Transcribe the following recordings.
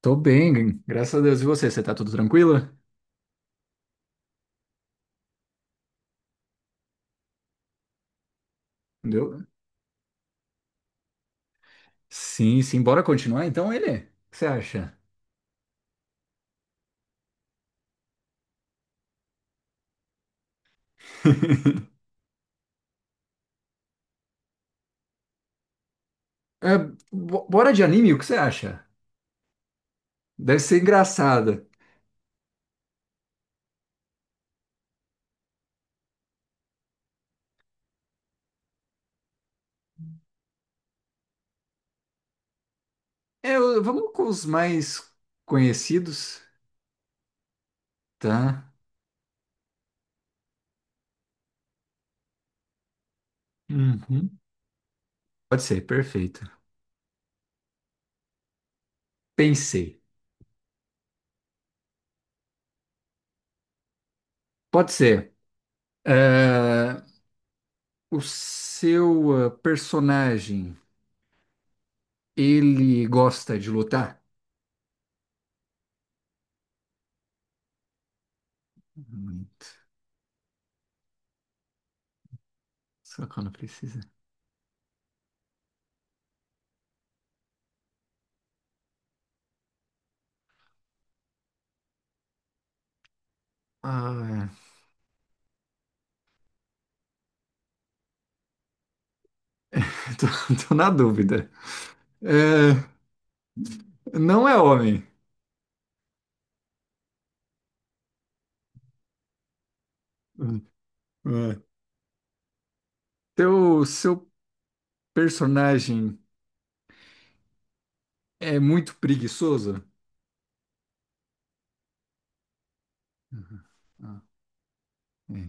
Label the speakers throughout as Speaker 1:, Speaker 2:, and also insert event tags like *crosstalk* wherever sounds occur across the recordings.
Speaker 1: Tô bem, graças a Deus. E você? Você tá tudo tranquilo? Deu? Sim, sim. Bora continuar então, ele? O que você acha? *laughs* É, bora de anime, o que você acha? Deve ser engraçado. Vamos com os mais conhecidos, tá? Uhum. Pode ser, perfeito. Pensei. Pode ser. É, o seu personagem, ele gosta de lutar? Muito. Só quando precisa. Ah, *laughs* tô, tô na dúvida. É, não é homem. É. Seu personagem é muito preguiçoso? Ah, é.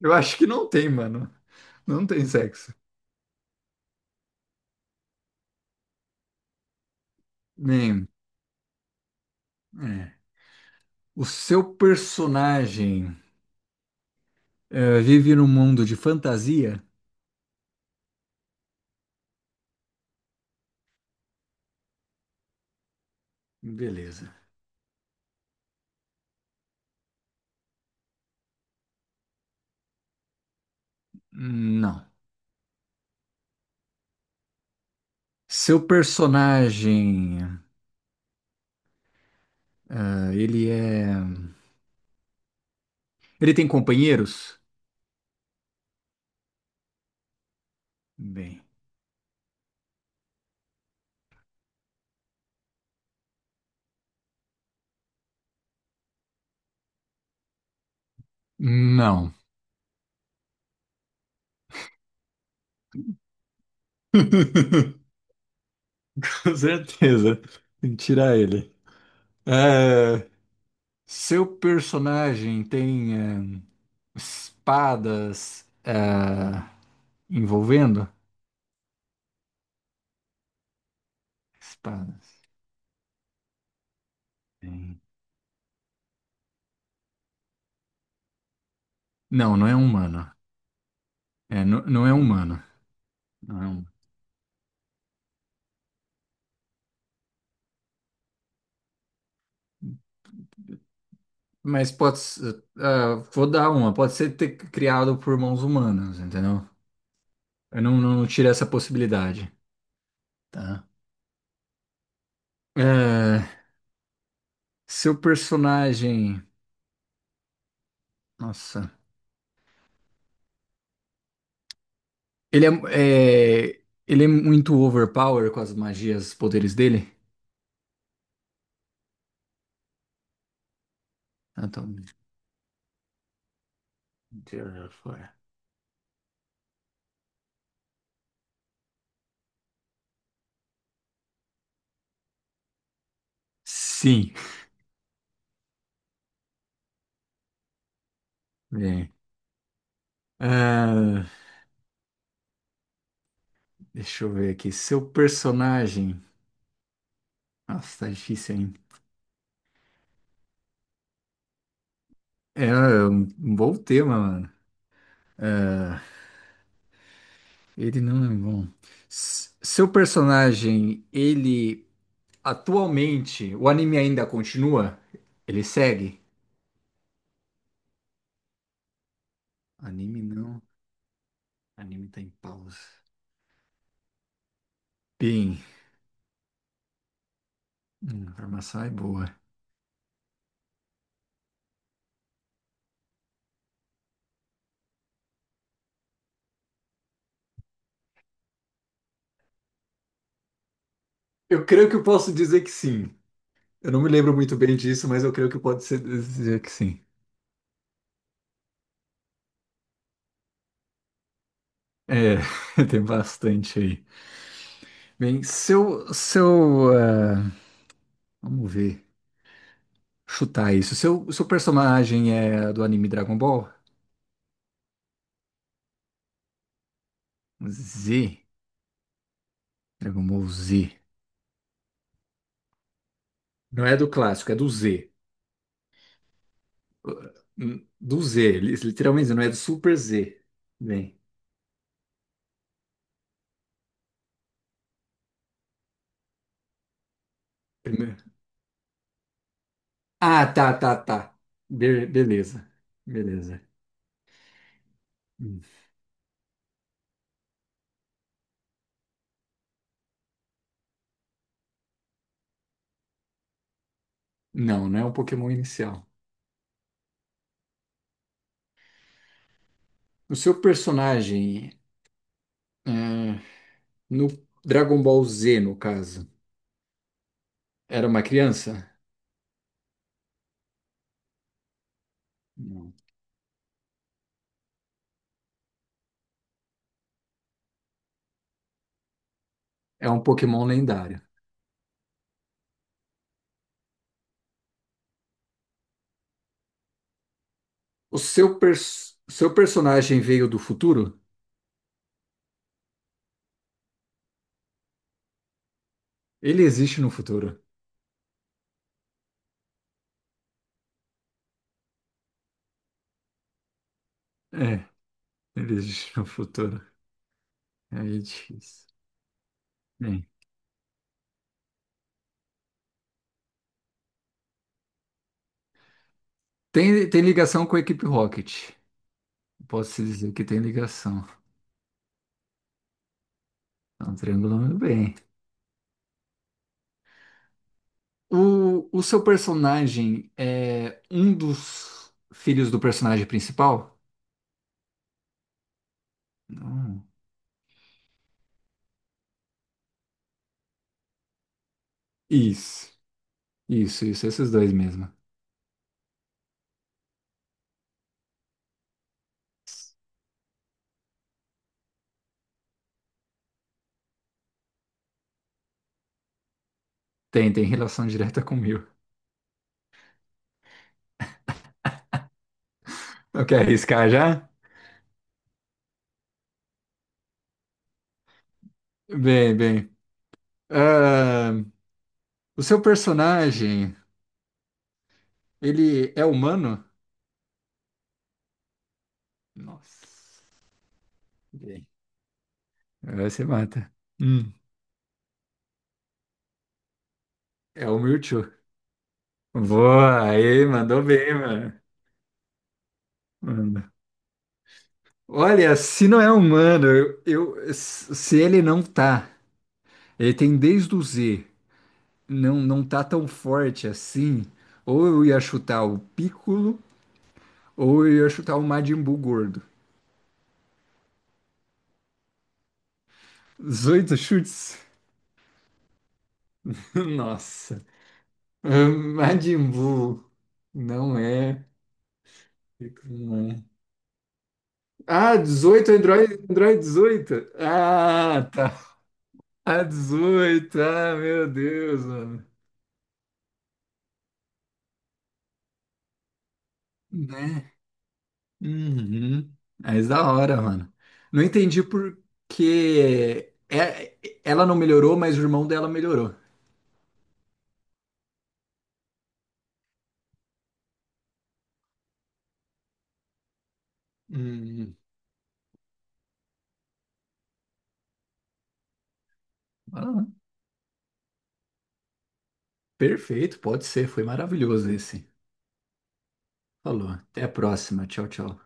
Speaker 1: Eu acho que não tem, mano. Não tem sexo. Nem. É. O seu personagem vive num mundo de fantasia? Beleza. Não. Seu personagem, ah, ele é. Ele tem companheiros? Bem. Não. *laughs* Com certeza. Tem que tirar ele. É, seu personagem tem espadas envolvendo? Espadas. Tem. Não, não é humano. É, não, não é humano. Não é humano. Mas pode ser. Ah, vou dar uma. Pode ser ter criado por mãos humanas, entendeu? Eu não tirei essa possibilidade. Tá. É, seu personagem. Nossa. Ele é, ele é muito overpower com as magias, os poderes dele? Ah, tá. Deus já foi. Sim. Bem. Ah, deixa eu ver aqui. Seu personagem. Nossa, tá difícil, hein? É um um bom tema, mano. Ah, ele não é bom. Seu personagem, ele atualmente, o anime ainda continua? Ele segue? Anime não. Anime tá em pausa. Bem, a informação é boa. Eu creio que eu posso dizer que sim. Eu não me lembro muito bem disso, mas eu creio que pode ser dizer que sim. É, *laughs* tem bastante aí. Bem, ah, vamos ver, chutar isso. Seu personagem é do anime Dragon Ball? Z, Dragon Ball Z. Não é do clássico, é do Z. Do Z, literalmente, não é do Super Z. Bem, primeiro. Ah, tá. Beleza, beleza. Hum. Não, não é um Pokémon inicial. O seu personagem, ah, no Dragon Ball Z, no caso, era uma criança? Não. É um Pokémon lendário. O seu personagem veio do futuro? Ele existe no futuro. É, ele existe no futuro. Aí é difícil. Bem, tem, tem ligação com a equipe Rocket. Posso dizer que tem ligação. Estão triangulando bem. O seu personagem é um dos filhos do personagem principal? Não. Isso, isso, esses dois mesmo. Tem, tem relação direta com o meu. Não quer arriscar já? Bem. Ah, o seu personagem, ele é humano? Nossa. Bem, agora você mata. Hum. É o Mewtwo. Boa, aí, mandou bem, mano. Mano. Olha, se não é humano, eu, se ele não tá, ele tem desde o Z, não, não tá tão forte assim, ou eu ia chutar o Piccolo, ou eu ia chutar o Majin Buu gordo. 18 chutes? *laughs* Nossa. Majin Buu. Não é. Não é. Ah, 18, Android dezoito, Ah, tá. Ah, 18. Ah, meu Deus, mano. Né? Uhum. Mas da hora, mano. Não entendi que é- ela não melhorou, mas o irmão dela melhorou. Hum. Ah, perfeito, pode ser. Foi maravilhoso esse. Falou. Até a próxima. Tchau, tchau.